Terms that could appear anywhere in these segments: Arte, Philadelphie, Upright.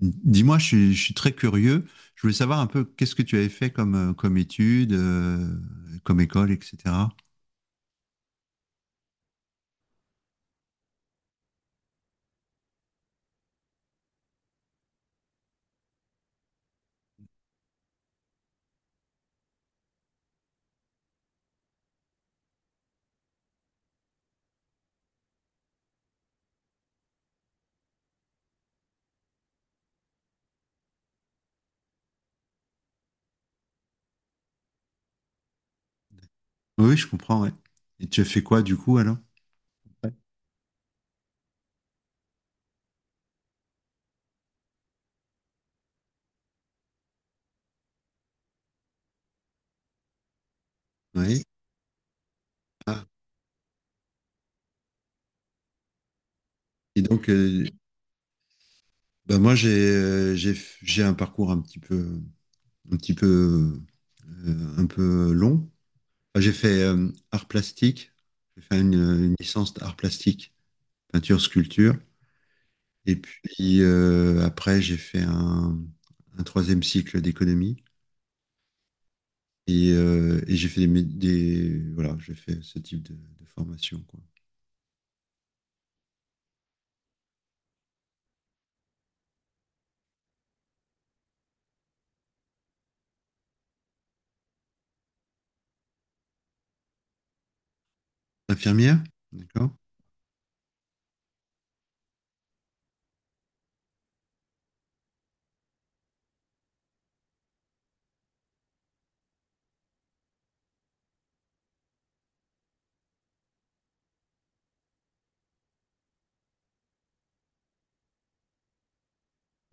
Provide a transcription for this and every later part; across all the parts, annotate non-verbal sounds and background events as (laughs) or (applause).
Dis-moi, je suis très curieux. Je voulais savoir un peu qu'est-ce que tu avais fait comme, comme études, comme école, etc. Oui, je comprends, ouais. Et tu as fait quoi du coup alors? Ouais. Oui. Ah. Et donc, bah, moi, j'ai un parcours un petit peu, un peu long. Enfin, j'ai fait art plastique. J'ai fait une licence d'art plastique, peinture, sculpture. Et puis après, un troisième cycle d'économie. Et j'ai fait voilà, j'ai fait ce type de formation, quoi. Infirmière? D'accord.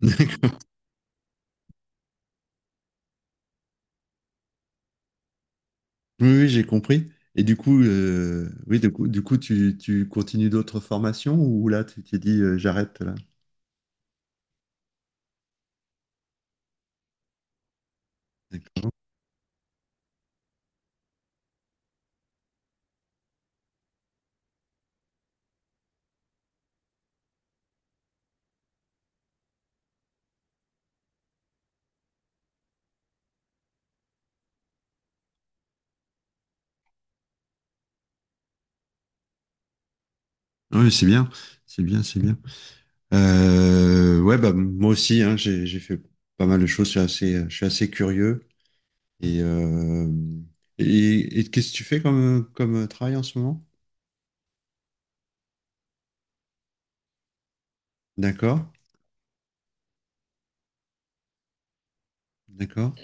(laughs) D'accord. Oui, oui, j'ai compris. Et du coup, oui, du coup, tu continues d'autres formations ou là, tu t'es dit, j'arrête là. D'accord. Oui, c'est bien, c'est bien. Ouais, bah moi aussi, hein, j'ai fait pas mal de choses. Je suis je suis assez curieux. Et, euh, et qu'est-ce que tu fais comme, comme travail en ce moment? D'accord, d'accord,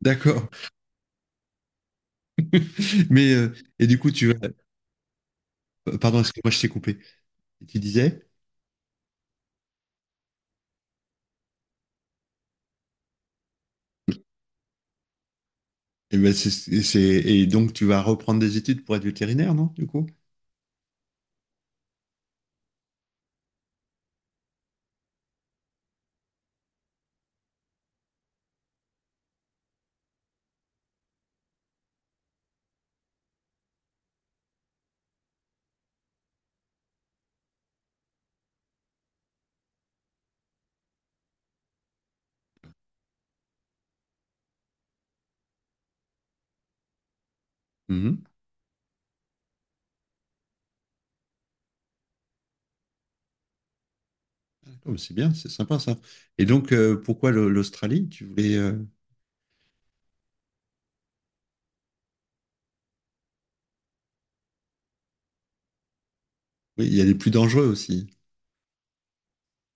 d'accord. Mais et du coup, tu vas. Pardon, excuse-moi, je t'ai coupé. Tu disais? Et, ben, et donc, tu vas reprendre des études pour être vétérinaire, non, du coup? Mhm. D'accord, mais c'est bien, c'est sympa ça. Et donc, pourquoi l'Australie? Tu voulais. Oui, il y a les plus dangereux aussi,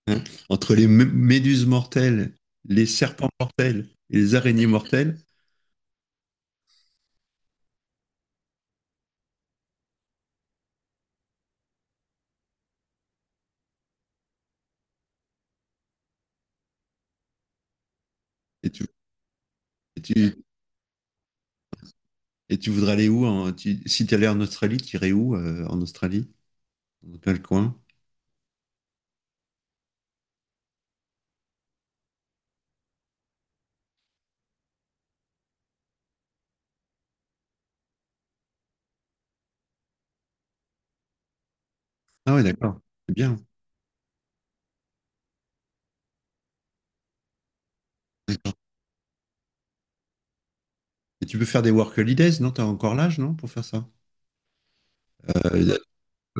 hein. Entre les méduses mortelles, les serpents mortels et les araignées mortelles. Et tu, et tu, et tu voudrais aller où si tu allais en Australie, tu irais où en Australie? Dans quel coin? Ah oui, d'accord. C'est bien. Et tu peux faire des work holidays, non? Tu as encore l'âge, non, pour faire ça? Euh,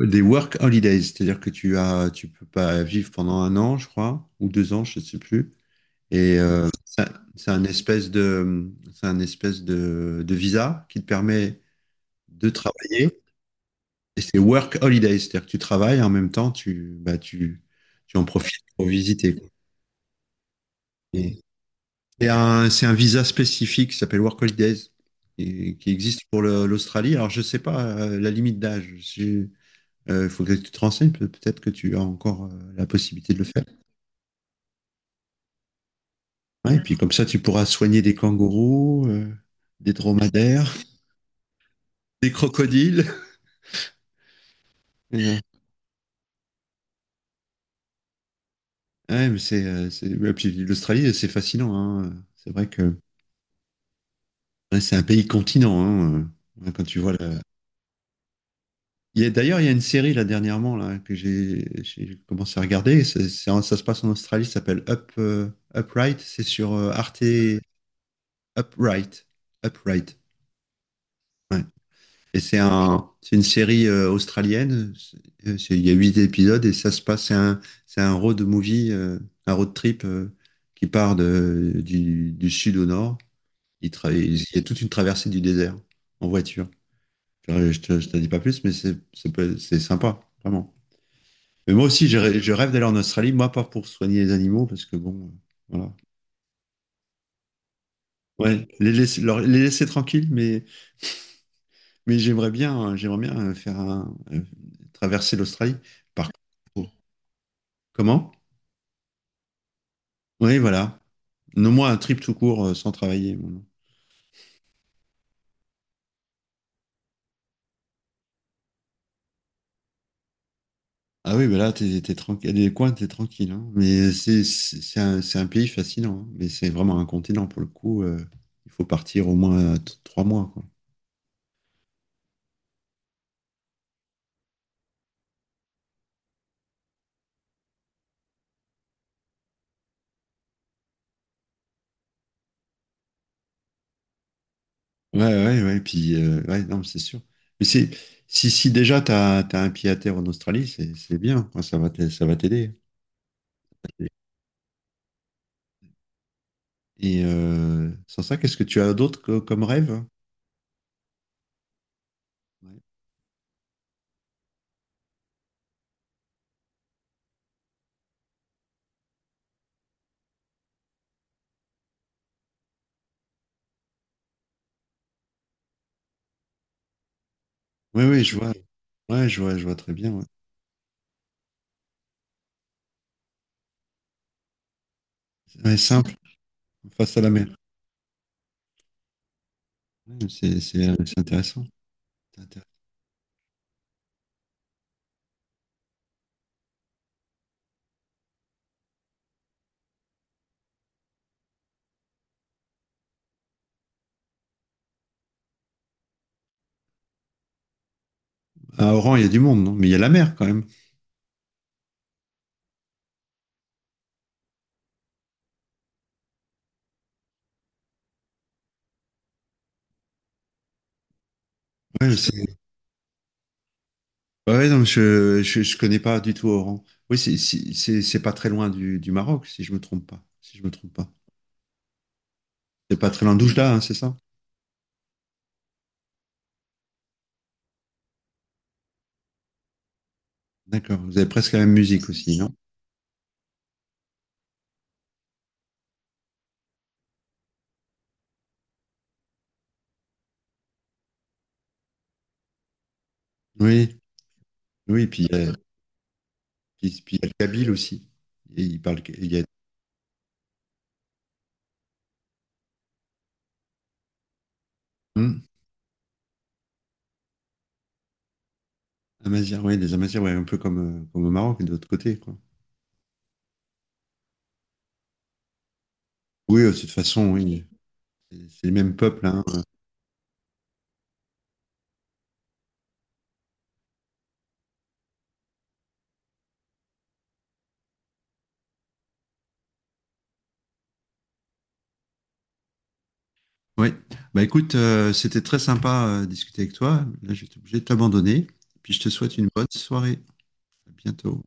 des work holidays, c'est-à-dire que tu as, tu peux pas vivre pendant un an, je crois, ou deux ans, je ne sais plus. Et c'est un espèce de, de visa qui te permet de travailler. Et c'est work holidays, c'est-à-dire que tu travailles et en même temps, tu en profites pour visiter, quoi. Et c'est un visa spécifique qui s'appelle work holidays et qui existe pour l'Australie. Alors, je sais pas la limite d'âge. Il faut que tu te renseignes, peut-être que tu as encore la possibilité de le faire. Ouais, et puis comme ça, tu pourras soigner des kangourous, des dromadaires, (laughs) des crocodiles. Et, ouais, mais et puis l'Australie, c'est fascinant, hein. C'est vrai que ouais, c'est un pays continent, hein, ouais, quand tu vois la... Il y a- d'ailleurs, il y a une série là dernièrement là que j'ai commencé à regarder. Ça se passe en Australie, ça s'appelle Up Upright. C'est sur Arte Upright. Upright. Ouais. Et c'est une série australienne. C'est- Il y a huit épisodes et ça se passe. C'est un road movie, un road trip qui part de, du sud au nord. Il il y a toute une traversée du désert en voiture. Je te dis pas plus, mais c'est sympa, vraiment. Mais moi aussi, je rêve d'aller en Australie, moi pas pour soigner les animaux, parce que bon, voilà. Ouais, les laisser tranquilles, mais j'aimerais bien faire un, traverser l'Australie. Par contre, comment? Oui, voilà. Nomme-moi un trip tout court sans travailler, bon. Ah oui, bah là, t'es tranquille. Des coins, t'es tranquille, hein. Mais c'est un pays fascinant, hein. Mais c'est vraiment un continent pour le coup. Euh, il faut partir au moins trois mois, quoi. Ouais. Puis, ouais, non, mais c'est sûr. Mais c'est si, si déjà t'as un pied à terre en Australie, c'est bien, quoi. Ça va t'aider. Et sans ça, qu'est-ce que tu as d'autre comme rêve? Oui, oui, je vois. Ouais, je vois très bien, ouais. Ouais, simple, face à la mer. Ouais, c'est intéressant. C'est intéressant. À Oran, il y a du monde, non? Mais il y a la mer quand même. Ouais, c'est- ouais, ouais, non, je connais pas du tout Oran. Oui, c'est pas très loin du Maroc, si je me trompe pas. Si je me trompe pas. C'est pas très loin d'Oujda, hein, c'est ça? D'accord. Vous avez presque la même musique aussi, non? Oui, oui. Et puis il y a, puis il y a le Kabyle aussi. Et il parle, il y a hum, Amazirs, ouais, des Amazirs, ouais, un peu comme, comme au Maroc, de l'autre côté, quoi. Oui, de toute façon, oui. C'est les mêmes peuples, hein. Oui, bah écoute, c'était très sympa de discuter avec toi. Là, je vais être obligé de t'abandonner. Puis je te souhaite une bonne soirée. À bientôt.